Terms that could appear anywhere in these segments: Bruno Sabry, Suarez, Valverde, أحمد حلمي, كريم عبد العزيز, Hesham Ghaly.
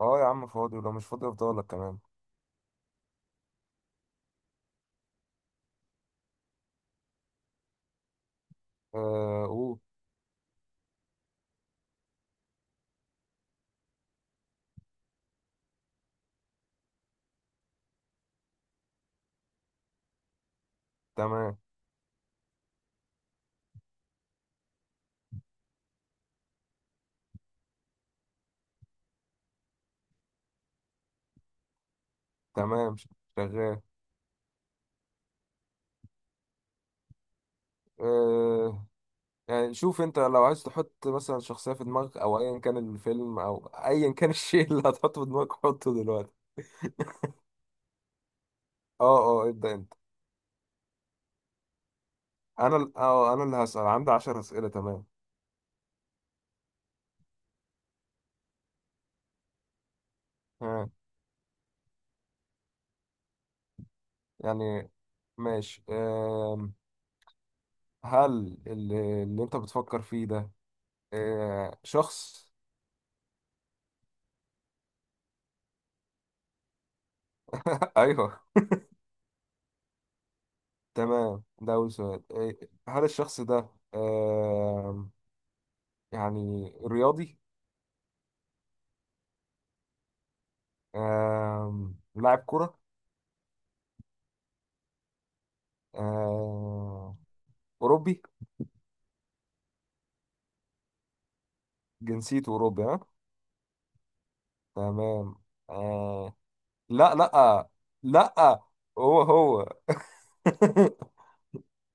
اه يا عم فاضي، ولو مش فاضي افضلك كمان. آه اوه تمام تمام. شغال. آه يعني شوف انت، لو عايز تحط مثلا شخصية في دماغك او ايا كان الفيلم او ايا كان الشيء اللي هتحطه في دماغك حطه دلوقتي. اه اه ابدأ انت. انا ال- اه آه، انا اللي هسأل، عندي عشر اسئلة. تمام. ها. يعني ماشي هل اللي انت بتفكر فيه ده شخص؟ ايوه تمام، ده أول سؤال. إيه، هل الشخص ده آم، يعني رياضي؟ لاعب كرة؟ آم، أوروبي؟ جنسيته أوروبي ها. تمام. آه، لا لا لا، هو هو.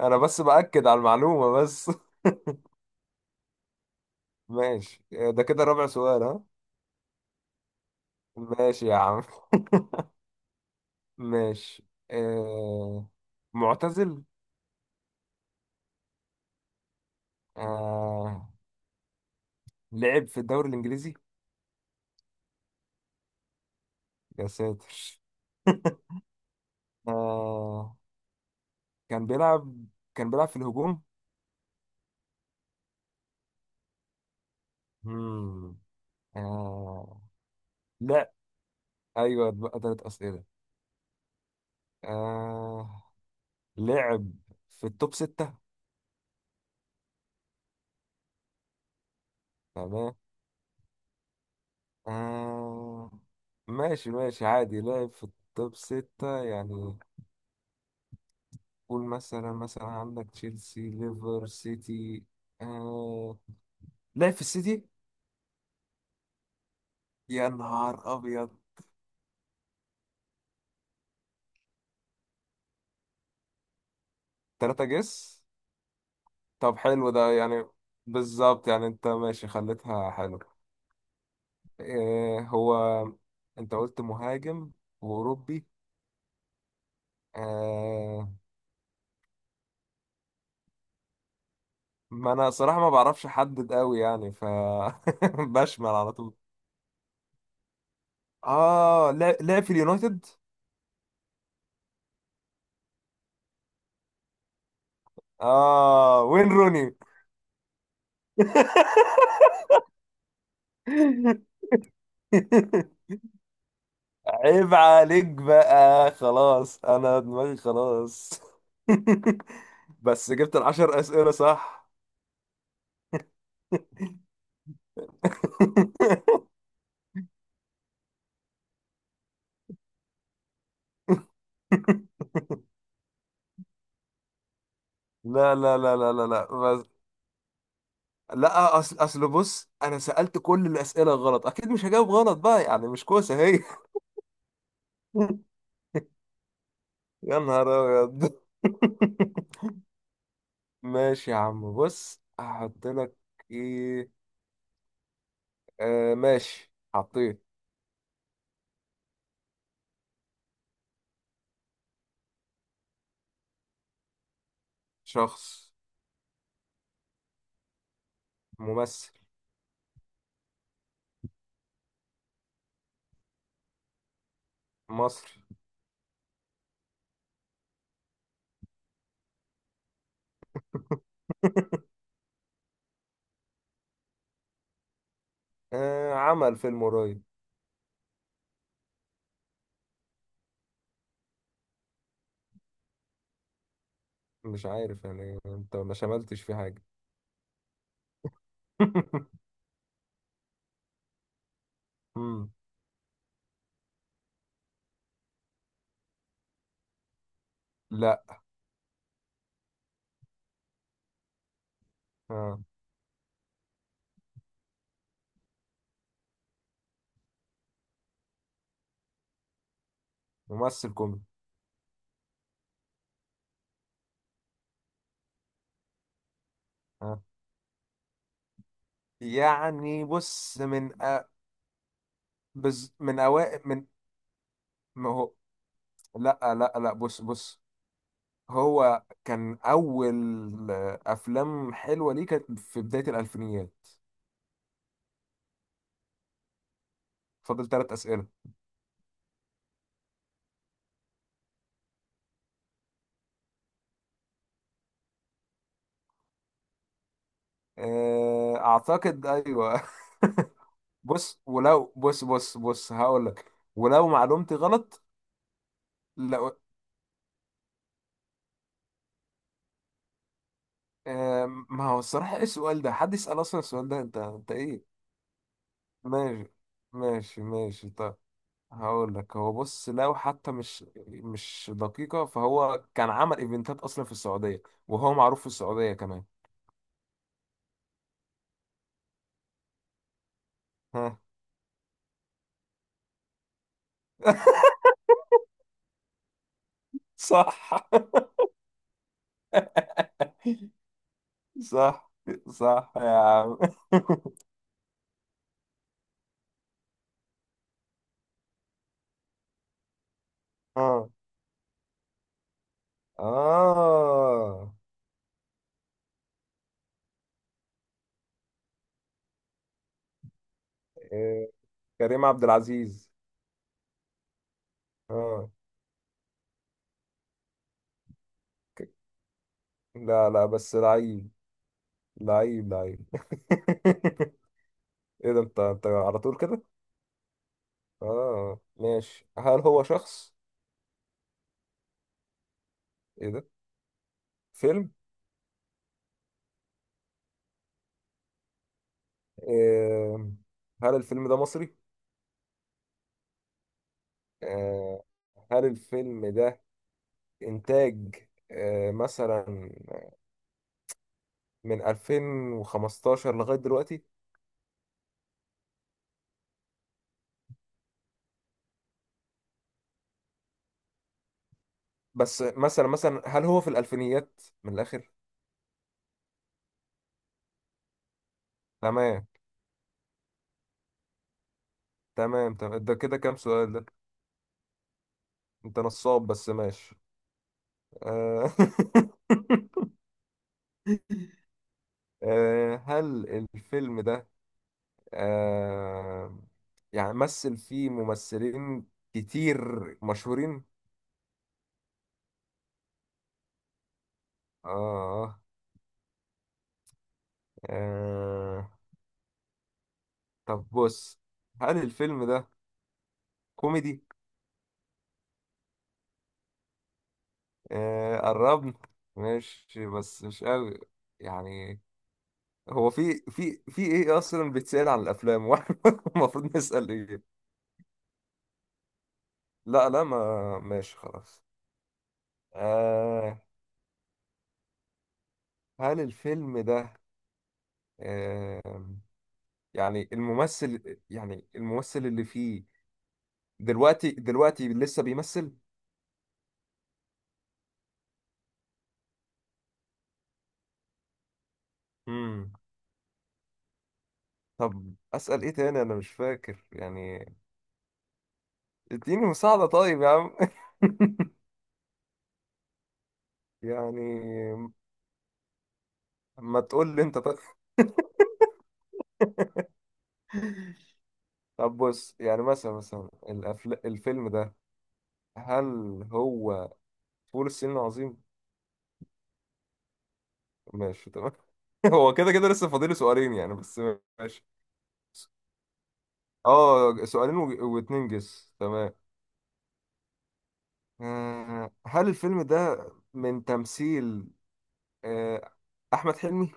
أنا بس بأكد على المعلومة بس. ماشي ده كده رابع سؤال ها. ماشي يا عم. ماشي آه، معتزل. آه، لعب في الدوري الإنجليزي؟ يا ساتر! آه كان بيلعب، كان بيلعب في الهجوم. مم. آه لا، ايوه بقى تلات اسئله. آه لعب في التوب ستة. تمام. آه ماشي ماشي، عادي لعب في التوب ستة يعني. قول، مثلا مثلا عندك تشيلسي، ليفر سيتي. آه لعب في السيتي؟ يا نهار ابيض! تلاتة جس؟ طب حلو ده يعني، بالظبط يعني. انت ماشي خليتها حلو. إيه هو؟ انت قلت مهاجم واوروبي. آه ما انا صراحة ما بعرفش احدد قوي يعني ف... بشمل على طول. لعب في اليونايتد. اه، وين روني! عيب عليك بقى، خلاص انا دماغي خلاص. بس جبت العشر اسئلة صح. لا لا لا لا لا لا، بس. لا، اصل بص، انا سألت كل الأسئلة غلط، اكيد مش هجاوب غلط بقى يعني، مش كوسة هي. يا نهار ابيض! ماشي يا عم، بص هحط لك. ايه، ماشي حطيت. شخص. ممثل. مصري. عمل فيلم قريب. مش عارف يعني، انت ما شملتش في حاجة. مم. لا. آه. ممثل كوميدي. آه. يعني بص، من... من أوائل، من... ما هو لا لا لا، بص بص، هو كان أول أفلام حلوة ليه كانت في بداية الألفينيات. فاضل ثلاث أسئلة. آه، أعتقد أيوه. بص ولو، بص بص بص، هقول لك ولو معلومتي غلط. لو آه، ما هو الصراحة، إيه السؤال ده؟ حد يسأل أصلا السؤال ده؟ أنت أنت إيه! ماشي ماشي ماشي، طيب هقول لك، هو بص، لو حتى مش مش دقيقة، فهو كان عمل ايفنتات اصلا في السعودية، وهو معروف في السعودية كمان. ها. صح. صح. صح يا عم. اه اه إيه، كريم عبد العزيز. اه ك- لا لا، بس لعيب لعيب. ايه ده، انت انت على طول كده! اه ماشي. هل هو شخص؟ ايه ده! فيلم. إيه... هل الفيلم ده مصري؟ آه، هل الفيلم ده إنتاج مثلا من 2015 لغاية دلوقتي؟ بس مثلا مثلا، هل هو في الألفينيات من الآخر؟ تمام تمام تمام، ده كده كام سؤال ده؟ أنت نصاب، بس ماشي. آه، آه، هل الفيلم ده آه، يعني مثل فيه ممثلين كتير مشهورين؟ آه آه آه. طب بص، هل الفيلم ده كوميدي؟ آه قربنا، ماشي بس مش قوي يعني. هو في في في ايه اصلا بيتسأل عن الافلام؟ واحنا المفروض نسأل ايه؟ لا لا، ما ماشي خلاص. آه هل الفيلم ده آه يعني الممثل، يعني الممثل اللي فيه دلوقتي دلوقتي لسه بيمثل؟ امم طب أسأل ايه تاني، انا مش فاكر يعني. اديني مساعدة طيب يا عم. يعني ما تقول لي انت طيب. طب بص، يعني مثلا مثلا الفيلم ده هل هو فول الصين العظيم؟ ماشي تمام. هو كده كده لسه فاضل سؤالين يعني بس. ماشي. اه سؤالين و... واتنين جس. تمام. آه، هل الفيلم ده من تمثيل آه، أحمد حلمي؟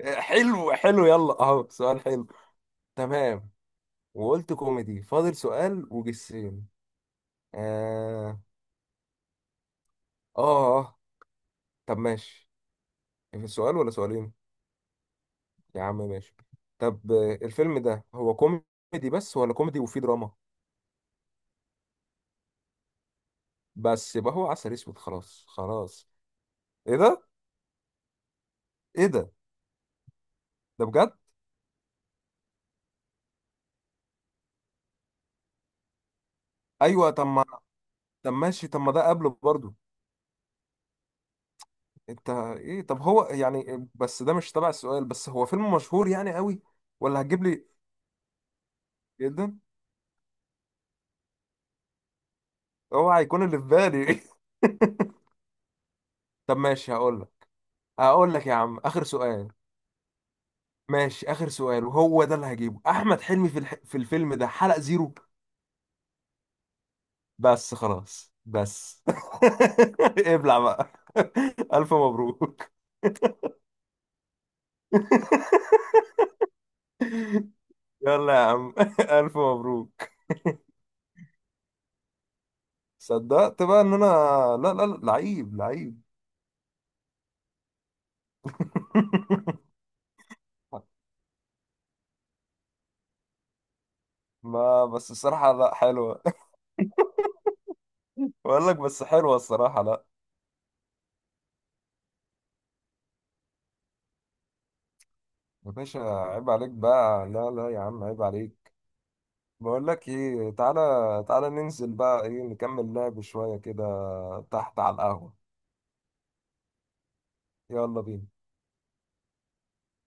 آه، حلو حلو، يلا اهو سؤال حلو. تمام، وقلت كوميدي. فاضل سؤال وجسين. اه اه آه. طب ماشي، في سؤال ولا سؤالين؟ يا عم ماشي. طب آه، الفيلم ده هو كوميدي بس ولا كوميدي وفيه دراما؟ بس يبقى هو عسل اسود، خلاص خلاص. ايه ده! ايه ده! ده بجد؟ ايوه، طب ما... طب ماشي، طب ما ده قبله برضو. انت ايه! طب هو يعني، بس ده مش تبع السؤال، بس هو فيلم مشهور يعني قوي ولا هتجيب لي؟ جدا؟ هو هيكون اللي في بالي. طب ماشي هقول لك، هقول لك يا عم اخر سؤال. ماشي، اخر سؤال، وهو ده اللي هجيبه، احمد حلمي في في الفيلم ده حلق زيرو؟ بس خلاص بس. ابلع بقى. ألف مبروك. يلا يا عم. ألف مبروك. صدقت بقى إن أنا... لا لا لا، لعيب لعيب. ما بس الصراحة لا حلوة. بقول لك، بس حلوة الصراحة، لا. يا باشا عيب عليك بقى، لا لا يا عم عيب عليك. بقول لك ايه، تعالى تعالى ننزل بقى، ايه نكمل لعب شوية كده تحت على القهوة. يلا بينا.